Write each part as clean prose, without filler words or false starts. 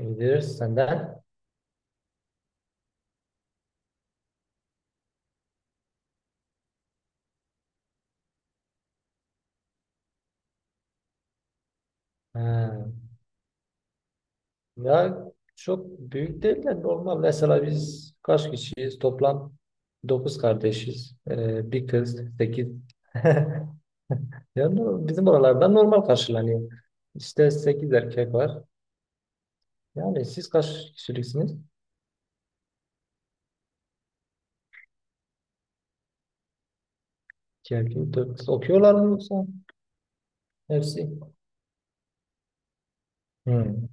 Gidiyoruz senden. Ha. Ya çok büyük değil de normal. Mesela biz kaç kişiyiz? Toplam 9 kardeşiz. Bir kız, 8 Yani bizim oralarda normal karşılanıyor. İşte 8 erkek var. Yani siz kaç kişiliksiniz? 2 erkek, 4 kız. Okuyorlar mı yoksa? Hepsi. Hmm.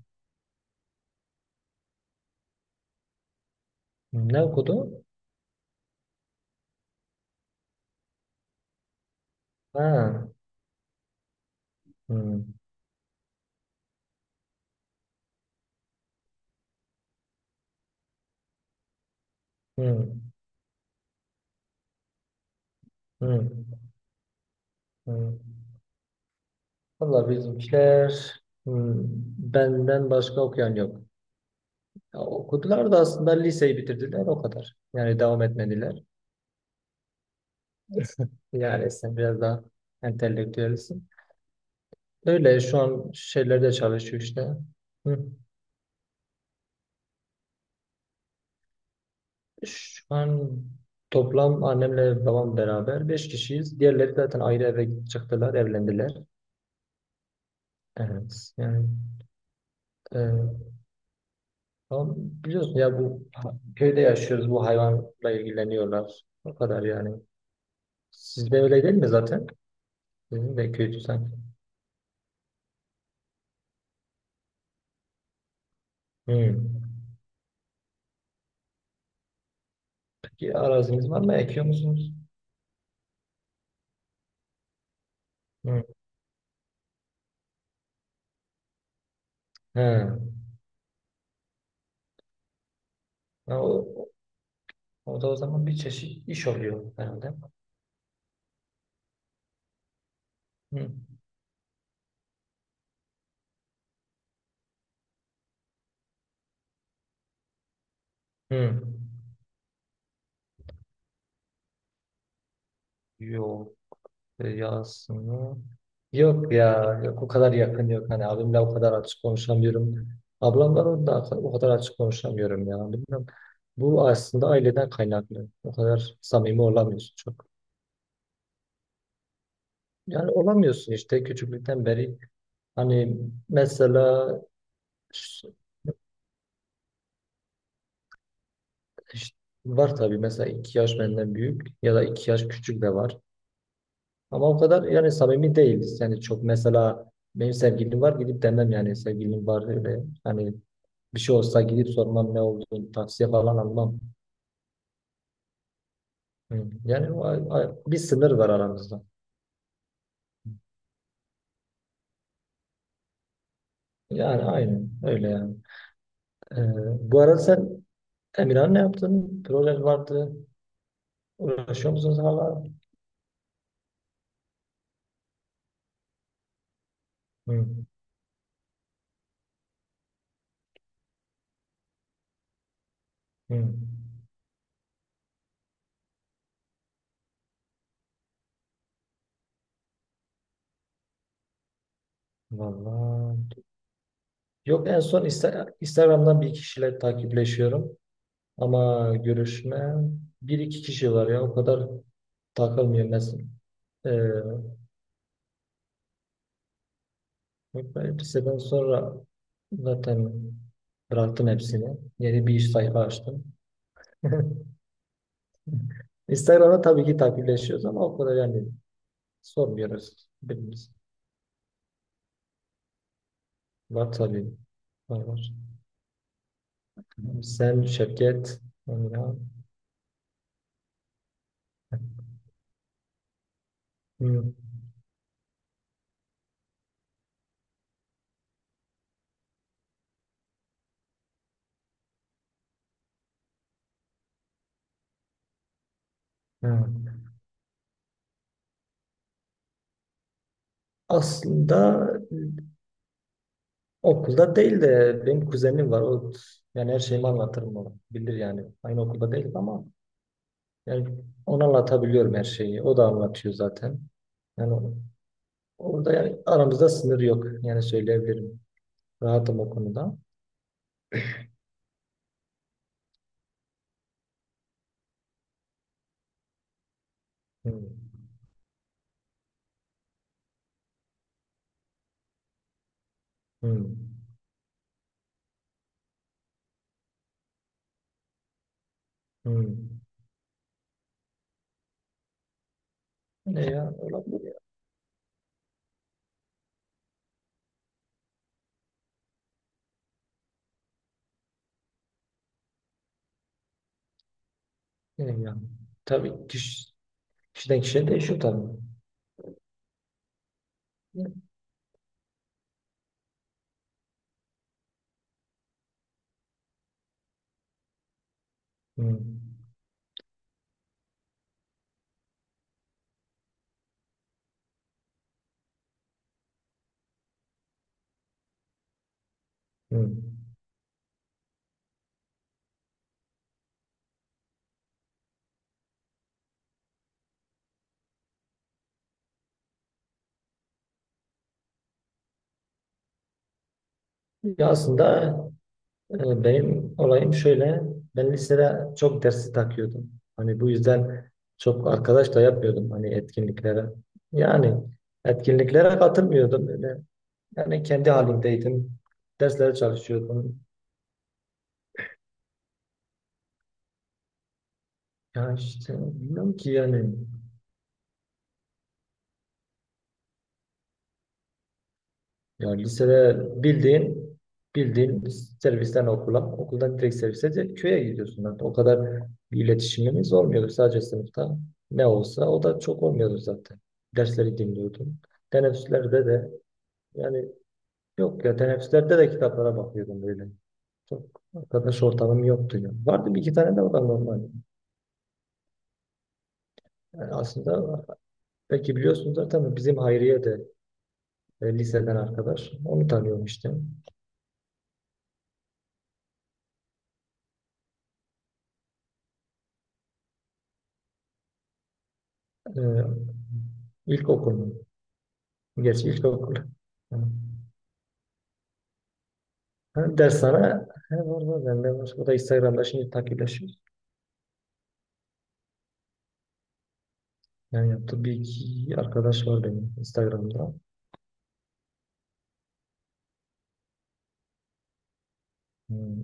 Ne okudu? Ha. Hmm. Hmm. Hmm. Hmm. Valla bizimkiler, benden başka okuyan yok. Ya okudular da aslında liseyi bitirdiler o kadar. Yani devam etmediler. Yani sen biraz daha entelektüelsin. Öyle şu an şeylerde çalışıyor işte. Hı. Şu an toplam annemle babam beraber beş kişiyiz. Diğerleri zaten ayrı eve çıktılar, evlendiler. Evet yani, e, tamam, biliyorsun ya, bu köyde yaşıyoruz, bu hayvanla ilgileniyorlar. O kadar yani. Sizde öyle değil mi zaten? Sizin de köydü sanki. Hmm. Peki araziniz var mı? Ekiyor musunuz? Hmm. He. Ha, o da o zaman bir çeşit iş oluyor herhalde. Hmm. Hmm. Yok. Yasını. Yok ya. Yok, o kadar yakın yok. Hani, abimle o kadar açık konuşamıyorum. Ablamla da o kadar açık konuşamıyorum ya. Bilmiyorum. Bu aslında aileden kaynaklı. O kadar samimi olamıyorsun çok. Yani olamıyorsun işte, küçüklükten beri. Hani, mesela ş- ş- var tabii, mesela 2 yaş benden büyük ya da 2 yaş küçük de var. Ama o kadar yani samimi değiliz. Yani çok, mesela benim sevgilim var gidip demem, yani sevgilim var öyle. Hani, bir şey olsa gidip sormam ne olduğunu, tavsiye falan almam. Hı. Yani bir sınır var aramızda. Yani aynen öyle yani. Ee, bu arada sen, Emirhan, ne yaptın? Proje vardı. Uğraşıyor musunuz hala? Hı. Hı. Vallahi. Yok, en son Instagram'dan bir kişiyle takipleşiyorum. Ama görüşme, bir iki kişi var ya, o kadar takılmıyorum. Mesela, ee, liseden sonra zaten bıraktım hepsini. Yeni bir iş sayfa açtım. Instagram'da tabii ki takipleşiyoruz ama o kadar yani sormuyoruz birbirimiz. Var tabii. Var var. Sen, Şevket, Emrah. Hı, hı. Aslında okulda değil de benim kuzenim var. O, yani her şeyimi anlatırım ona. Bilir yani. Aynı okulda değil ama yani ona anlatabiliyorum her şeyi. O da anlatıyor zaten. Yani orada yani aramızda sınır yok. Yani söyleyebilirim. Rahatım o konuda. Hmm. Hmm. Hmm. Ne ya? Olabilir ya. Ne ya? Tabii, kişiden kişiye değişiyor tabii. Hmm. Hmm. Ya aslında, benim olayım şöyle: ben lisede çok dersi takıyordum. Hani bu yüzden çok arkadaş da yapmıyordum, hani etkinliklere. Yani etkinliklere katılmıyordum öyle. Yani kendi halimdeydim. Derslere çalışıyordum. Ya işte bilmiyorum ki yani. Ya lisede bildiğin bildiğin, servisten okula, okuldan direkt servise de köye gidiyorsun zaten. O kadar bir iletişimimiz olmuyordu, sadece sınıfta. Ne olsa o da çok olmuyordu zaten. Dersleri dinliyordum. Teneffüslerde de, yani yok ya, teneffüslerde de kitaplara bakıyordum böyle. Çok arkadaş ortamım yoktu ya. Vardı bir iki tane de, o da normal. Yani aslında belki biliyorsunuz zaten, bizim Hayriye de, liseden arkadaş. Onu tanıyorum işte. E, İlkokul mu? Gerçi ilkokul. Hı. Ha, ders sana, he, var var bende var. O da Instagram'da şimdi takipleşiyoruz. Yani yaptığı bir iki arkadaş var benim Instagram'da. Hmm.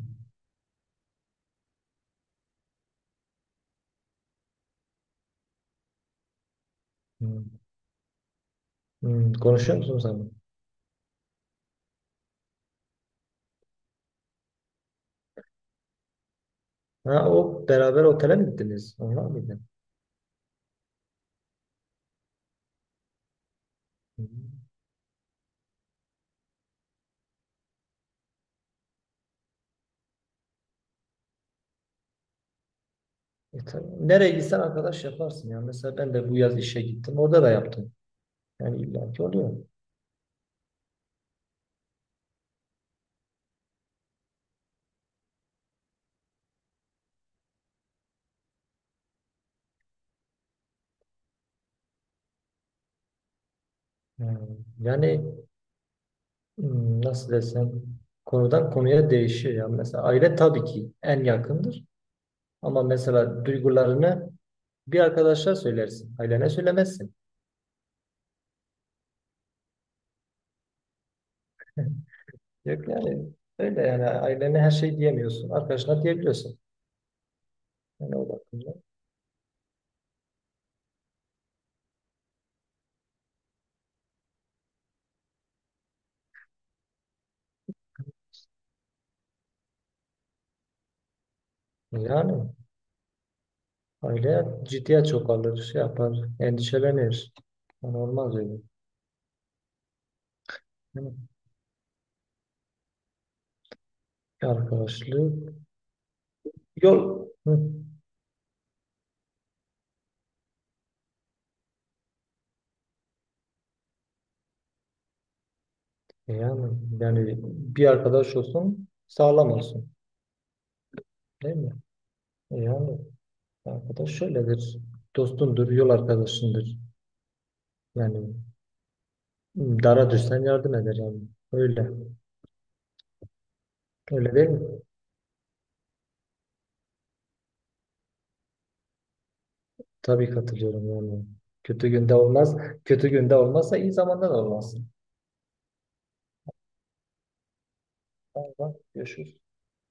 Hmm. Hmm. Konuşuyor musun sen? Ha, o beraber otele mi gittiniz? Onlar mıydı? Hmm. E, tabii. Nereye gitsen arkadaş yaparsın ya. Mesela ben de bu yaz işe gittim. Orada da yaptım. Yani illaki oluyor. Hmm. Yani, nasıl desem, konudan konuya değişiyor ya. Mesela aile tabii ki en yakındır. Ama mesela duygularını bir arkadaşa söylersin. Ailene söylemezsin. Yok yani, öyle yani ailene her şey diyemiyorsun. Arkadaşına diyebiliyorsun. Yani o bakımdan. Yani aile ciddiye çok alır, şey yapar, endişelenir. Yani olmaz öyle. Hı. Arkadaşlık yol. Hı. Yani yani bir arkadaş olsun, sağlam olsun. Değil mi? Yani arkadaş şöyledir. Dostundur, yol arkadaşındır. Yani, dara düşsen yardım eder yani. Öyle. Öyle değil mi? Tabii katılıyorum yani. Kötü günde olmaz. Kötü günde olmazsa iyi zamanda da olmaz. Tamam, tamam. Görüşürüz.